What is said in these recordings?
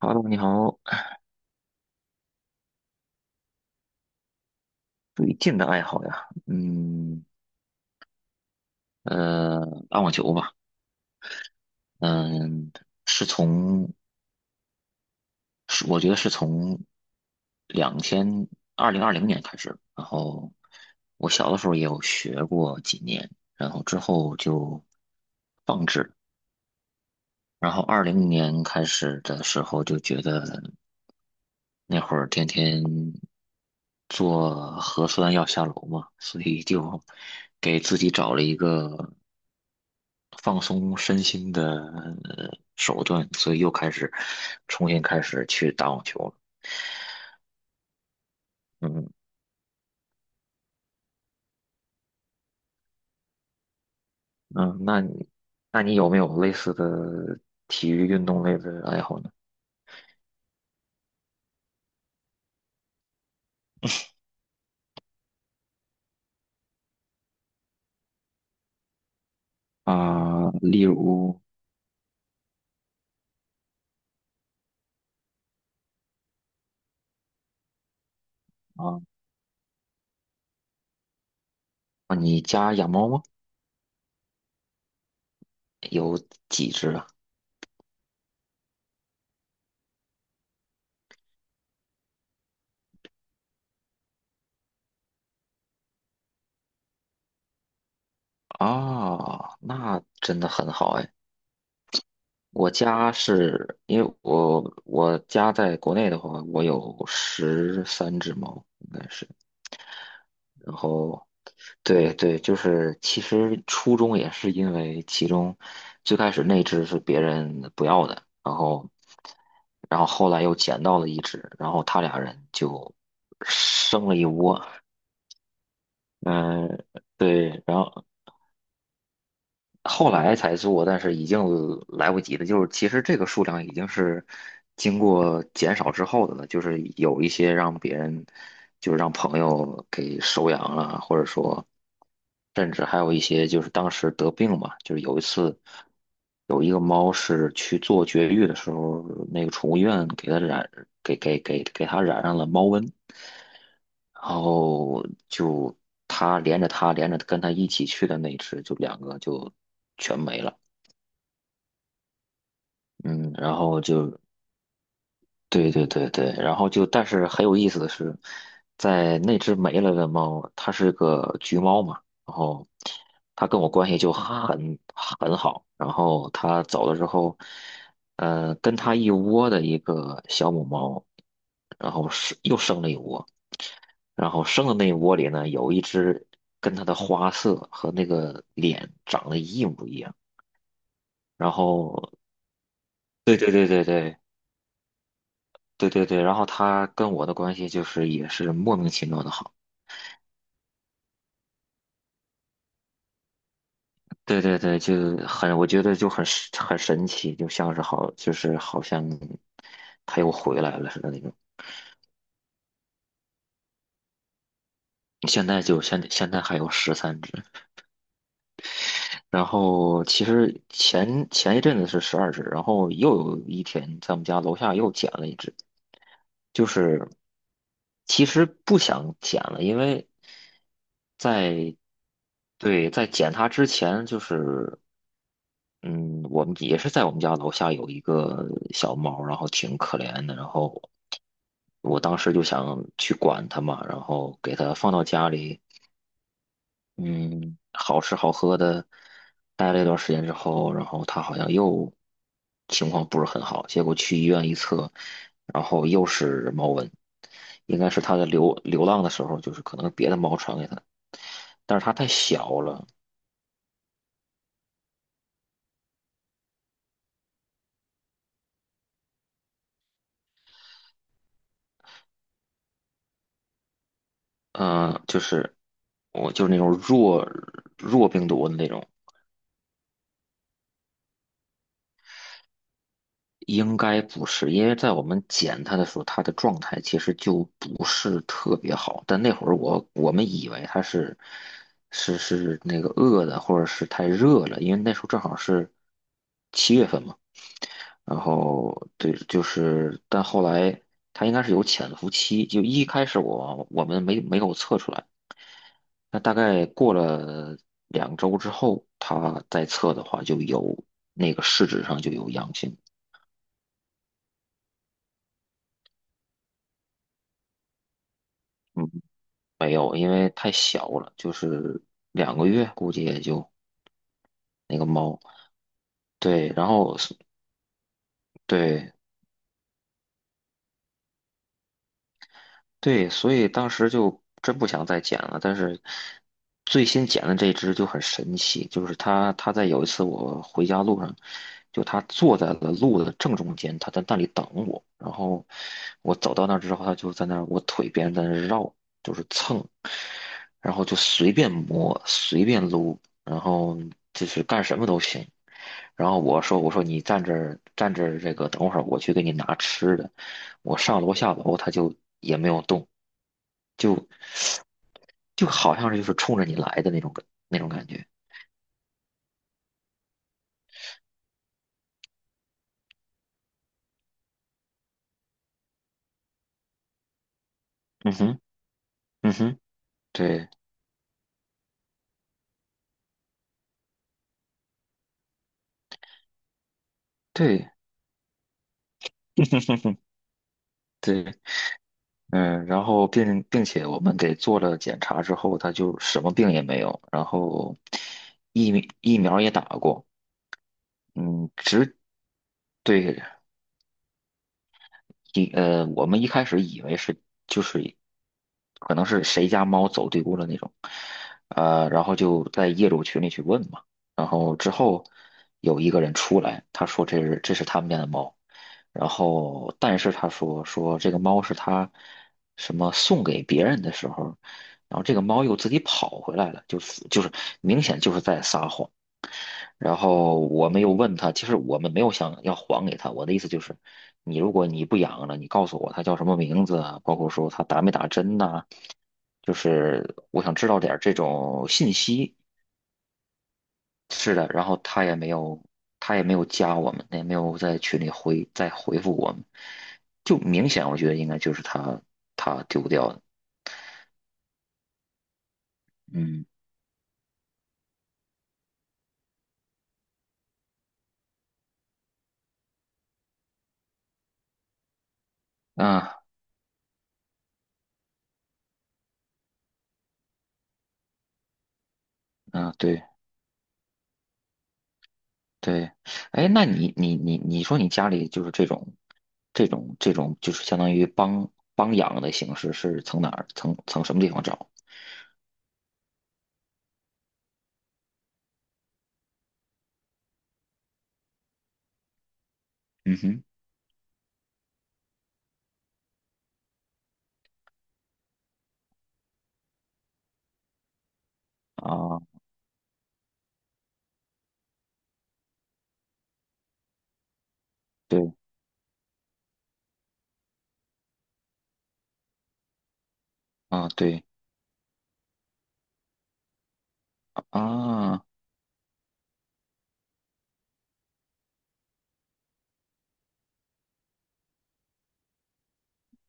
Hello，你好，最近的爱好呀，呃，打网球吧，嗯，是从，是我觉得是从两千2020年开始，然后我小的时候也有学过几年，然后之后就放置，然后二零年开始的时候就觉得那会儿天天做核酸要下楼嘛，所以就给自己找了一个，放松身心的呃手段，所以又开始重新开始去打网球了。嗯嗯，那你那你有没有类似的体育运动类的爱好呢？啊、例如，啊啊，你家养猫吗？有几只啊？啊，那真的很好哎。我家是因为我家在国内的话，我有十三只猫，应该是。对对，就是其实初衷也是因为其中最开始那只是别人不要的，然后后来又捡到了一只，然后他俩人就生了一窝，嗯，对，然后后来才做，但是已经来不及了。就是其实这个数量已经是经过减少之后的了，就是有一些让别人，就是让朋友给收养了，或者说，甚至还有一些就是当时得病嘛，就是有一次有一个猫是去做绝育的时候，那个宠物医院给它染上了猫瘟，然后就它连着跟它一起去的那只，就两个就。全没了。嗯，然后就对对对对，然后但是很有意思的是，在那只没了的猫，它是个橘猫嘛，然后它跟我关系就很好，然后它走了之后，跟它一窝的一个小母猫，然后是又生了一窝，然后生的那一窝里呢，有一只跟它的花色和那个脸长得一模一样，然后对对对对对。对对对，然后他跟我的关系就是也是莫名其妙的好，对对对，我觉得就很神奇，就好像他又回来了似的那种。现在现在还有十三只，然后其实前一阵子是12只，然后又有一天在我们家楼下又捡了一只，就是其实不想捡了，因为在对，在捡它之前就是。嗯，我们也是在我们家楼下有一个小猫，然后挺可怜的，然后我当时就想去管它嘛，然后给它放到家里，嗯，好吃好喝的，待了一段时间之后，然后它好像又情况不是很好，结果去医院一测，然后又是猫瘟，应该是它在流浪的时候，就是可能别的猫传给它，但是它太小了，就是我就是那种弱病毒的那种，应该不是，因为在我们捡它的时候，它的状态其实就不是特别好。但那会儿我们以为它是那个饿的，或者是太热了，因为那时候正好是7月份嘛。然后对，就是，但后来它应该是有潜伏期，就一开始我们没有测出来，那大概过了2周之后，它再测的话就有那个试纸上就有阳性，嗯，没有，因为太小了，就是2个月估计也就那个猫，对，然后对，对，所以当时就真不想再捡了。但是最新捡的这只就很神奇，就是它在有一次我回家路上，就它坐在了路的正中间，它在那里等我。然后我走到那儿之后，它就在那儿我腿边在那儿绕，就是蹭，然后就随便摸，随便撸，然后就是干什么都行。然后我说：“我说你站这儿站这儿，这个等会儿我去给你拿吃的。”我上楼下楼，他就也没有动，就就好像冲着你来的那种感觉。嗯哼，嗯哼，对对，对，嗯，然后并且我们给做了检查之后，他就什么病也没有，然后疫苗也打过，嗯，只对，我们一开始以为是就是可能是谁家猫走丢了那种，然后就在业主群里去问嘛，然后之后有一个人出来，他说这是他们家的猫，然后但是他说这个猫是他什么送给别人的时候，然后这个猫又自己跑回来了，就是明显就是在撒谎。然后我没有问他，其实我们没有想要还给他。我的意思就是，你如果你不养了，你告诉我他叫什么名字啊，包括说他打没打针呐、就是我想知道点儿这种信息。是的，然后他也没有，加我们，也没有在群里再回复我们，就明显我觉得应该就是他丢掉的。嗯，啊啊，对，对，哎，那你说你家里就是这种，这种就是相当于帮养的形式是从哪儿从从什么地方找？嗯哼，啊，对啊对啊，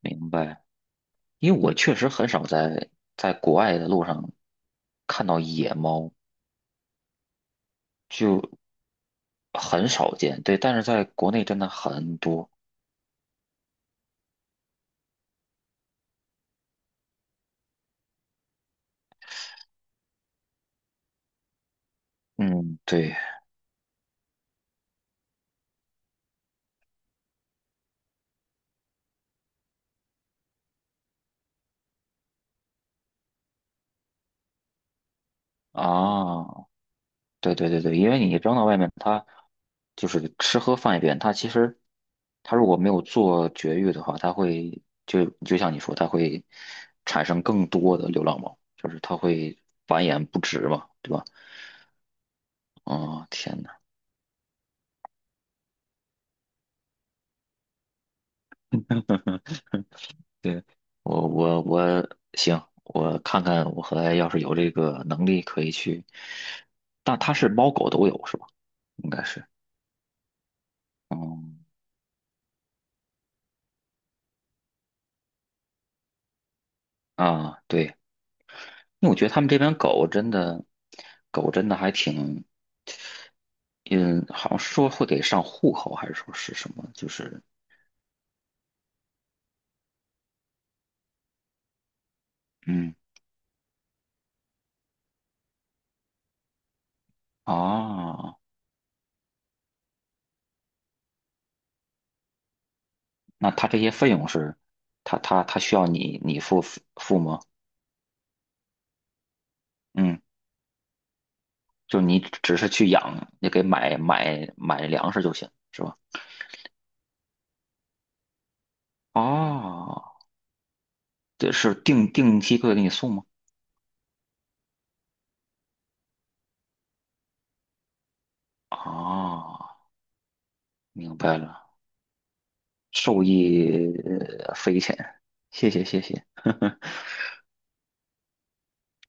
明白。因为我确实很少在国外的路上看到野猫，就很少见。对，但是在国内真的很多。嗯，对啊，对对对对，因为你扔到外面，它就是吃喝放一边，它其实它如果没有做绝育的话，它会就像你说，它会产生更多的流浪猫，就是它会繁衍不止嘛，对吧？哦，天呐 对，我我我行，我看看我和来要是有这个能力可以去，但它是猫狗都有是吧？应该是，嗯啊，对。因为我觉得他们这边狗真的，还挺，嗯，好像说会给上户口，还是说是什么？就是，嗯，啊，那他这些费用是，他需要你付吗？嗯，就你只是去养，也给买粮食就行，是吧？哦，这是定期会给你送吗？啊，明白了，受益匪浅，谢谢谢谢。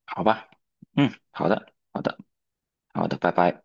好吧，嗯，好的，好的，好的，拜拜。